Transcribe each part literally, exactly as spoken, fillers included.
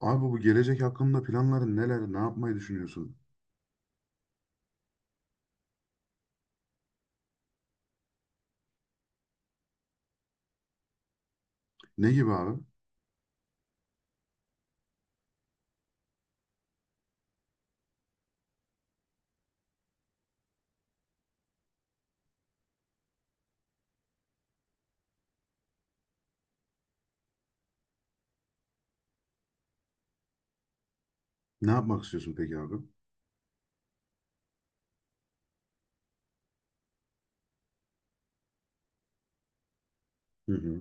Abi bu gelecek hakkında planların neler, ne yapmayı düşünüyorsun? Ne gibi abi? Ne yapmak istiyorsun peki abi? Hı hı.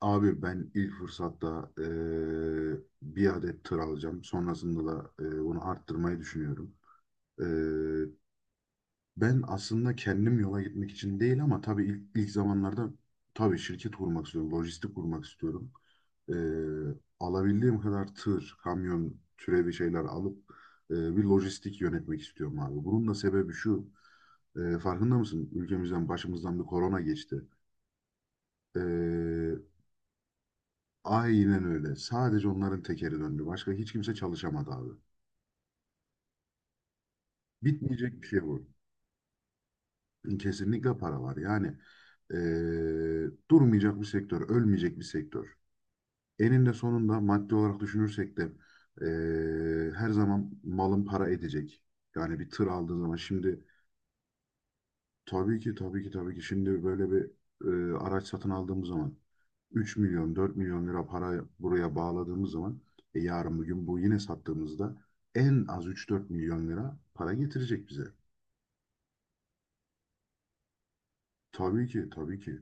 Abi ben ilk fırsatta eee, bir adet tır alacağım. Sonrasında da eee, bunu arttırmayı düşünüyorum. Ben aslında kendim yola gitmek için değil ama tabii ilk, ilk zamanlarda tabii şirket kurmak istiyorum, lojistik kurmak istiyorum. Ee, alabildiğim kadar tır, kamyon türevi şeyler alıp e, bir lojistik yönetmek istiyorum abi. Bunun da sebebi şu, e, farkında mısın? Ülkemizden başımızdan bir korona geçti. Ee, aynen öyle. Sadece onların tekeri döndü. Başka hiç kimse çalışamadı abi. Bitmeyecek bir şey bu. Kesinlikle para var. Yani eee, durmayacak bir sektör, ölmeyecek bir sektör. Eninde sonunda maddi olarak düşünürsek de eee, her zaman malın para edecek. Yani bir tır aldığın zaman şimdi tabii ki tabii ki tabii ki şimdi böyle bir eee, araç satın aldığımız zaman üç milyon dört milyon lira para buraya bağladığımız zaman e, yarın bugün bu yine sattığımızda en az üç dört milyon lira para getirecek bize. Tabii ki tabii ki.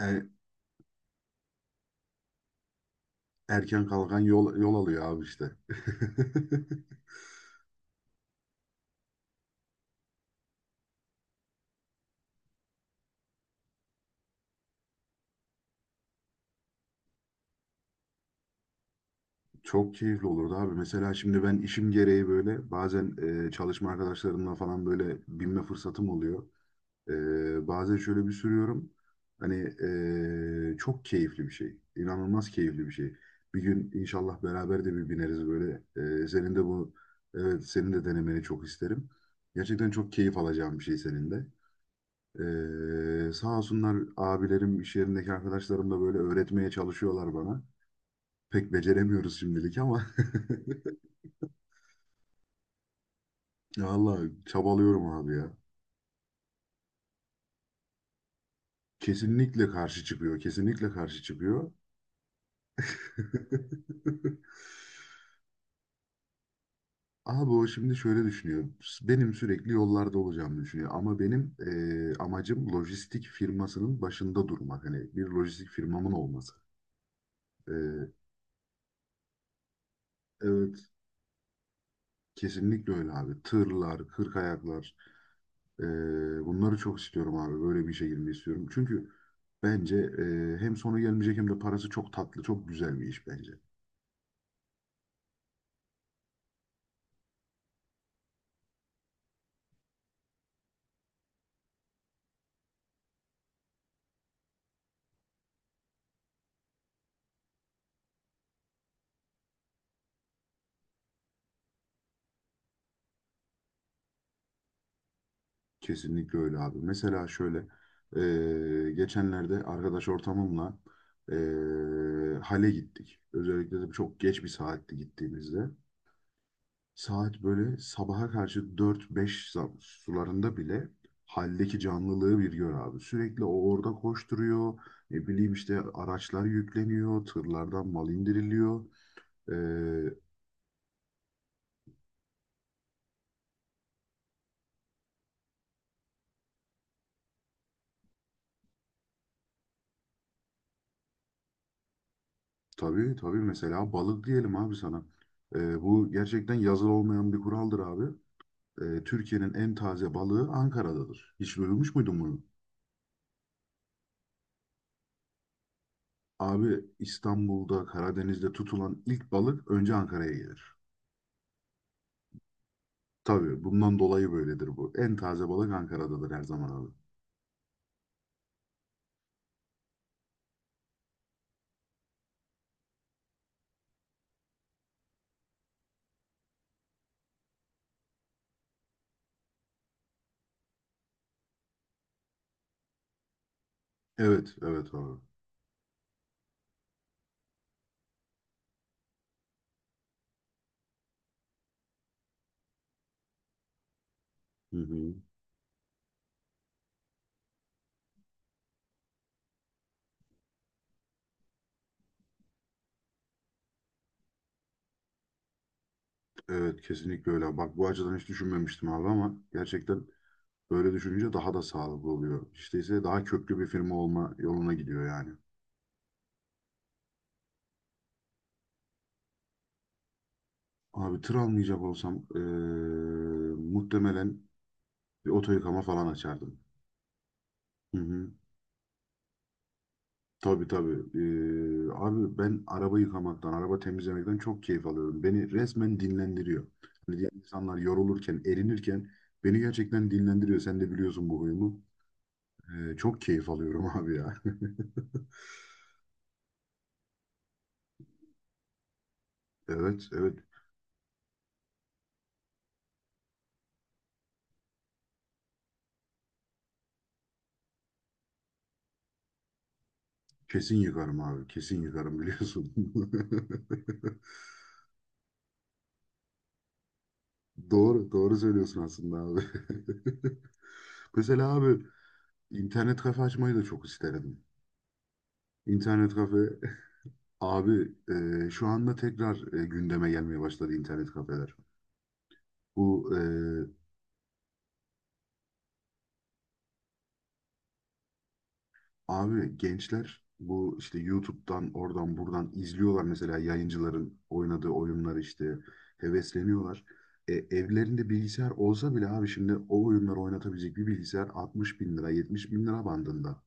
E, Erken kalkan yol, yol alıyor abi işte. Çok keyifli olurdu abi. Mesela şimdi ben işim gereği böyle bazen e, çalışma arkadaşlarımla falan böyle binme fırsatım oluyor. E, bazen şöyle bir sürüyorum. Hani e, çok keyifli bir şey. İnanılmaz keyifli bir şey. Bir gün inşallah beraber de bir bineriz böyle. E, senin de bu, evet senin de denemeni çok isterim. Gerçekten çok keyif alacağım bir şey senin de. Ee, sağ olsunlar abilerim, iş yerindeki arkadaşlarım da böyle öğretmeye çalışıyorlar bana. Pek beceremiyoruz şimdilik ama vallahi çabalıyorum abi ya. Kesinlikle karşı çıkıyor, kesinlikle karşı çıkıyor. Abi o şimdi şöyle düşünüyor. Benim sürekli yollarda olacağımı düşünüyor. Ama benim eee, amacım lojistik firmasının başında durmak. Hani bir lojistik firmamın olması. Eee, evet, kesinlikle öyle abi. Tırlar, kırk ayaklar. Ee, bunları çok istiyorum abi. Böyle bir işe girmeyi istiyorum. Çünkü bence e, hem sonu gelmeyecek hem de parası çok tatlı, çok güzel bir iş bence. Kesinlikle öyle abi. Mesela şöyle e, geçenlerde arkadaş ortamımla e, hale gittik. Özellikle de çok geç bir saatte gittiğimizde. Saat böyle sabaha karşı dört beş sularında bile haldeki canlılığı bir gör abi. Sürekli o orada koşturuyor. Ne bileyim işte araçlar yükleniyor. Tırlardan mal indiriliyor. Ee, tabii tabii, mesela balık diyelim abi sana. Ee, bu gerçekten yazılı olmayan bir kuraldır abi. Ee, Türkiye'nin en taze balığı Ankara'dadır. Hiç duymuş muydun bunu? Abi İstanbul'da Karadeniz'de tutulan ilk balık önce Ankara'ya gelir. Tabii bundan dolayı böyledir bu. En taze balık Ankara'dadır her zaman abi. Evet, evet abi. Hı hı. Evet, kesinlikle öyle. Bak bu açıdan hiç düşünmemiştim abi ama gerçekten böyle düşününce daha da sağlıklı oluyor. İşte ise daha köklü bir firma olma yoluna gidiyor yani. Abi tır almayacak olsam eee, muhtemelen bir oto yıkama falan açardım. Hı hı. Tabii tabii. Ee, abi ben araba yıkamaktan, araba temizlemekten çok keyif alıyorum. Beni resmen dinlendiriyor. Hani diğer insanlar yorulurken, erinirken beni gerçekten dinlendiriyor. Sen de biliyorsun bu huyumu. Ee, çok keyif alıyorum abi ya. Evet, evet. Kesin yıkarım abi. Kesin yıkarım biliyorsun. Doğru, doğru söylüyorsun aslında abi. Mesela abi internet kafe açmayı da çok isterim. İnternet kafe. Abi e, şu anda tekrar e, gündeme gelmeye başladı internet kafeler. Bu e, abi gençler bu işte YouTube'dan oradan buradan izliyorlar mesela yayıncıların oynadığı oyunları işte hevesleniyorlar. E, evlerinde bilgisayar olsa bile abi şimdi o oyunları oynatabilecek bir bilgisayar altmış bin lira yetmiş bin lira bandında.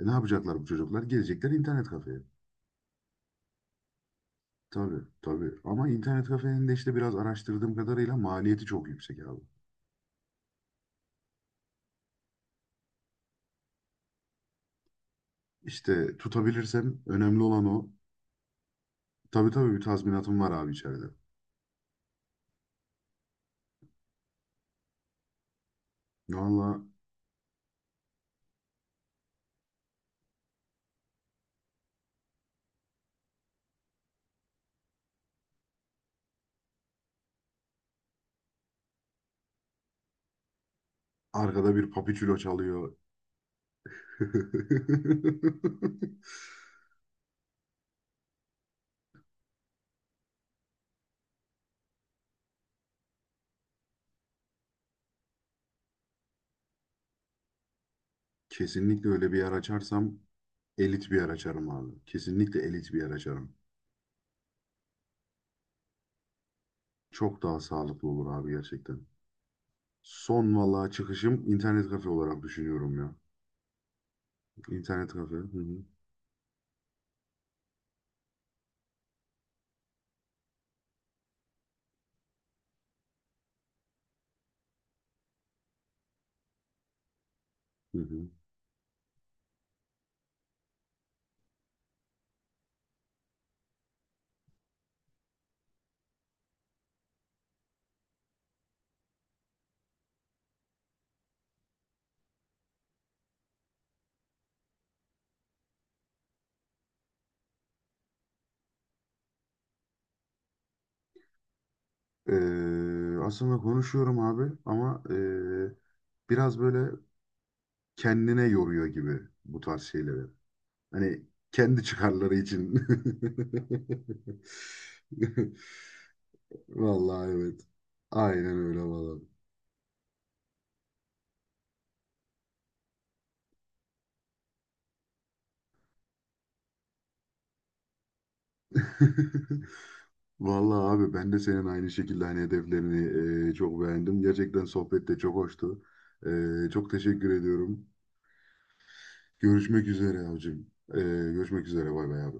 E, ne yapacaklar bu çocuklar? Gelecekler internet kafeye. Tabii tabii ama internet kafenin de işte biraz araştırdığım kadarıyla maliyeti çok yüksek abi. İşte tutabilirsem önemli olan o. Tabii tabii bir tazminatım var abi içeride. Valla arkada bir papiçulo çalıyor. Kesinlikle öyle bir yer açarsam elit bir yer açarım abi. Kesinlikle elit bir yer açarım. Çok daha sağlıklı olur abi gerçekten. Son valla çıkışım internet kafe olarak düşünüyorum ya. İnternet kafe. Hı hı. Hı hı. Ee, aslında konuşuyorum abi ama ee, biraz böyle kendine yoruyor gibi bu tarz şeyleri. Hani kendi çıkarları için. Vallahi evet. Aynen öyle valla. Vallahi abi ben de senin aynı şekilde hani hedeflerini e, çok beğendim. Gerçekten sohbet de çok hoştu. E, çok teşekkür ediyorum. Görüşmek üzere abicim. E, görüşmek üzere bay bay abi.